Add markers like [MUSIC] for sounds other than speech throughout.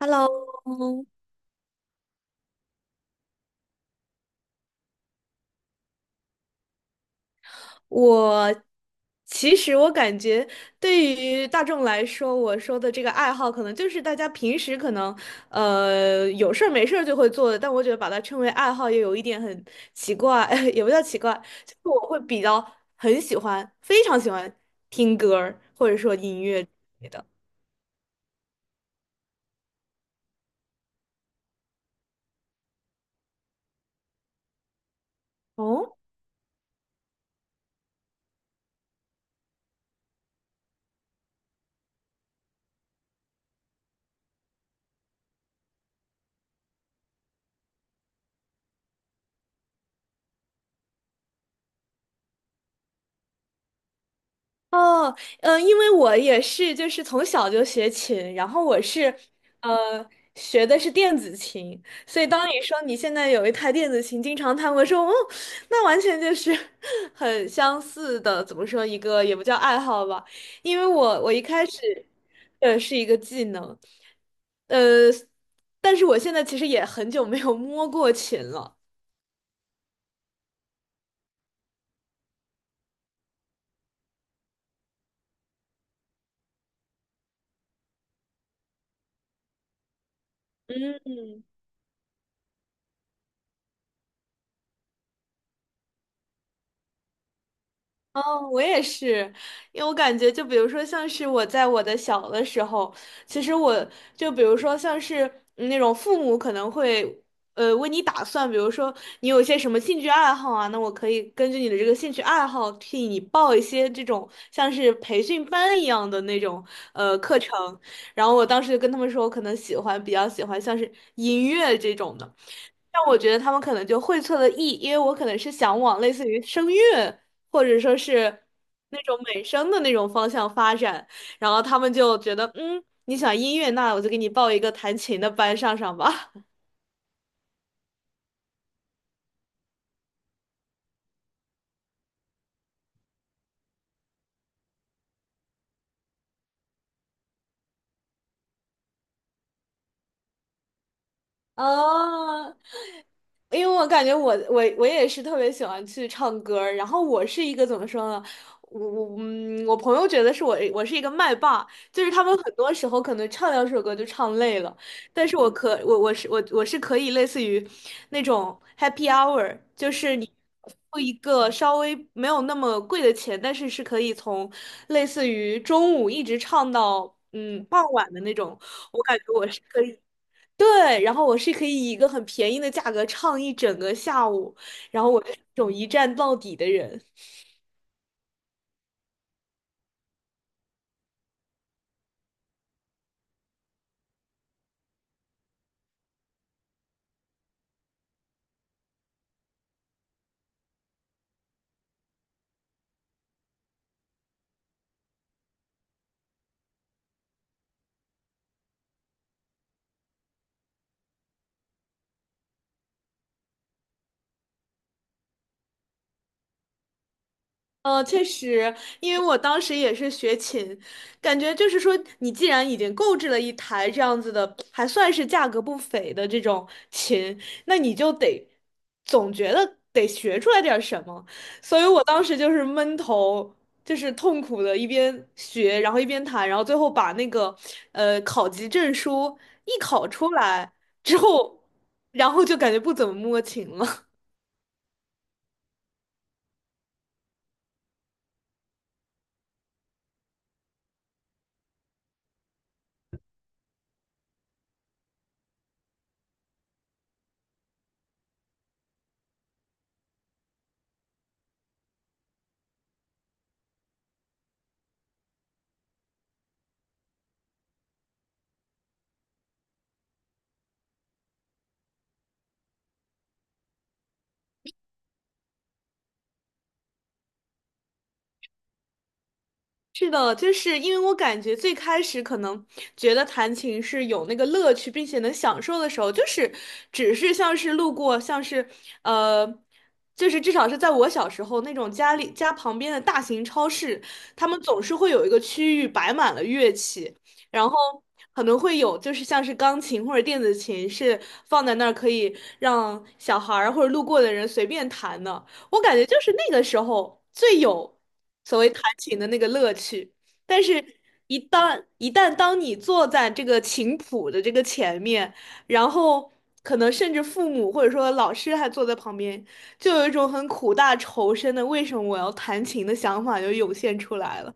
Hello，我其实我感觉对于大众来说，我说的这个爱好，可能就是大家平时可能有事儿没事儿就会做的，但我觉得把它称为爱好，也有一点很奇怪，[LAUGHS] 也不叫奇怪，就是我会比较很喜欢，非常喜欢听歌儿或者说音乐之类的。哦哦，嗯，因为我也是，就是从小就学琴，然后我是，呃，学的是电子琴，所以当你说你现在有一台电子琴，经常弹，我说，哦，那完全就是 [LAUGHS] 很相似的，怎么说一个也不叫爱好吧，因为我一开始的是一个技能，呃，但是我现在其实也很久没有摸过琴了，嗯。哦，我也是，因为我感觉，就比如说，像是我在我的小的时候，其实我就比如说，像是嗯那种父母可能会，为你打算，比如说你有一些什么兴趣爱好啊，那我可以根据你的这个兴趣爱好，替你报一些这种像是培训班一样的那种课程。然后我当时就跟他们说，我可能喜欢比较喜欢像是音乐这种的。但我觉得他们可能就会错了意，因为我可能是想往类似于声乐或者说是那种美声的那种方向发展，然后他们就觉得，嗯，你想音乐，那我就给你报一个弹琴的班上上吧。[LAUGHS] 哦，因为我感觉我也是特别喜欢去唱歌儿然后我是一个怎么说呢？我朋友觉得是我是一个麦霸，就是他们很多时候可能唱两首歌就唱累了，但是我可我我是我我是可以类似于那种 happy hour，就是你付一个稍微没有那么贵的钱，但是是可以从类似于中午一直唱到傍晚的那种，我感觉我是可以。对，然后我是可以以一个很便宜的价格唱一整个下午，然后我是那种一站到底的人。哦，确实，因为我当时也是学琴，感觉就是说，你既然已经购置了一台这样子的，还算是价格不菲的这种琴，那你就得总觉得得学出来点儿什么，所以我当时就是闷头，就是痛苦的一边学，然后一边弹，然后最后把那个考级证书一考出来之后，然后就感觉不怎么摸琴了。是的，就是因为我感觉最开始可能觉得弹琴是有那个乐趣，并且能享受的时候，就是只是像是路过，像是呃，就是至少是在我小时候那种家里家旁边的大型超市，他们总是会有一个区域摆满了乐器，然后可能会有就是像是钢琴或者电子琴是放在那儿可以让小孩儿或者路过的人随便弹的。我感觉就是那个时候最有所谓弹琴的那个乐趣，但是一旦当你坐在这个琴谱的这个前面，然后可能甚至父母或者说老师还坐在旁边，就有一种很苦大仇深的为什么我要弹琴的想法就涌现出来了。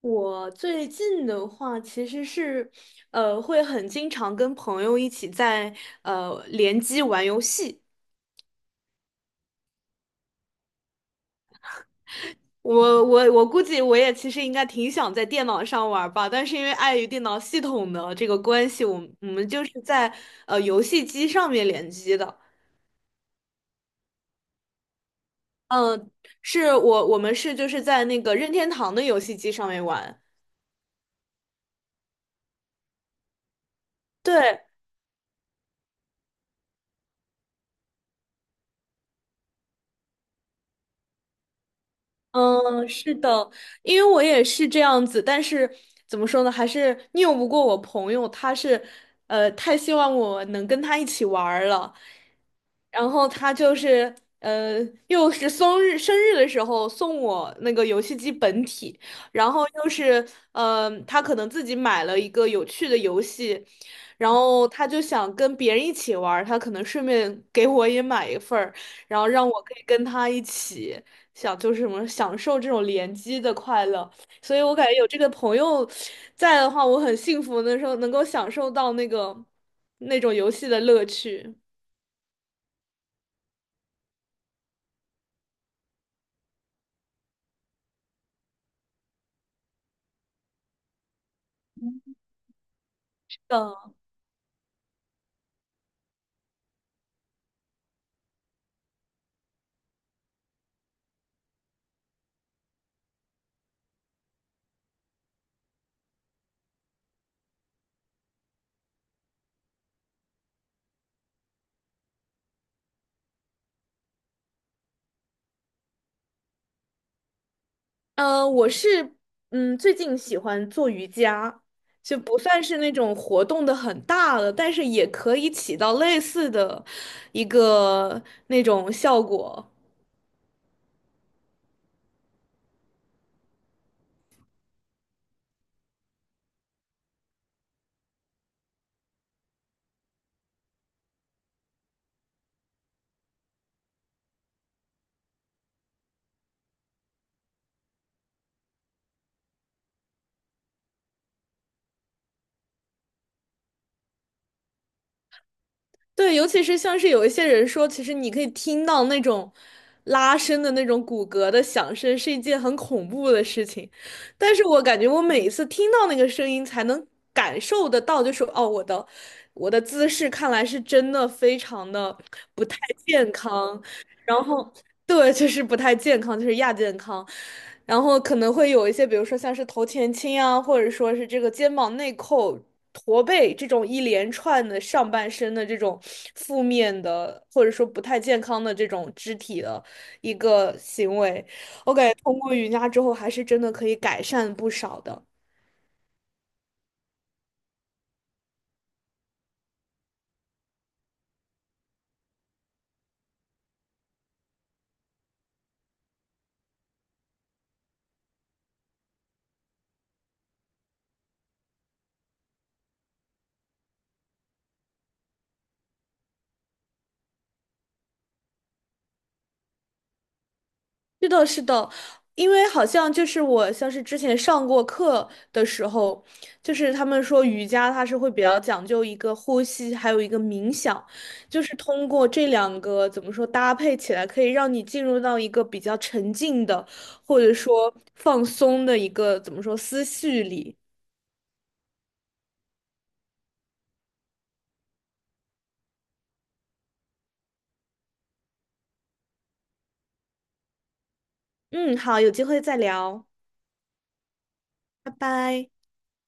我最近的话，其实是，会很经常跟朋友一起在联机玩游戏。我估计我也其实应该挺想在电脑上玩儿吧，但是因为碍于电脑系统的这个关系，我们就是在游戏机上面联机的。嗯，是我们就是在那个任天堂的游戏机上面玩。对，嗯，是的，因为我也是这样子，但是怎么说呢，还是拗不过我朋友，他是，太希望我能跟他一起玩儿了，然后他就是，呃，又是生日的时候送我那个游戏机本体，然后又是，他可能自己买了一个有趣的游戏，然后他就想跟别人一起玩儿他可能顺便给我也买一份儿，然后让我可以跟他一起。想就是什么享受这种联机的快乐，所以我感觉有这个朋友在的话，我很幸福的时候能够享受到那个那种游戏的乐趣。嗯，呃，我是嗯最近喜欢做瑜伽，就不算是那种活动的很大的，但是也可以起到类似的一个那种效果。对，尤其是像是有一些人说，其实你可以听到那种拉伸的那种骨骼的响声，是一件很恐怖的事情。但是我感觉我每一次听到那个声音，才能感受得到，就是哦，我的姿势看来是真的非常的不太健康，然后 [LAUGHS] 对，就是不太健康，就是亚健康，然后可能会有一些，比如说像是头前倾啊，或者说是这个肩膀内扣、驼背这种一连串的上半身的这种负面的，或者说不太健康的这种肢体的一个行为。我感觉通过瑜伽之后，还是真的可以改善不少的。是的，是的，因为好像就是我像是之前上过课的时候，就是他们说瑜伽它是会比较讲究一个呼吸，还有一个冥想，就是通过这两个怎么说搭配起来，可以让你进入到一个比较沉静的，或者说放松的一个怎么说思绪里。嗯，好，有机会再聊，拜拜。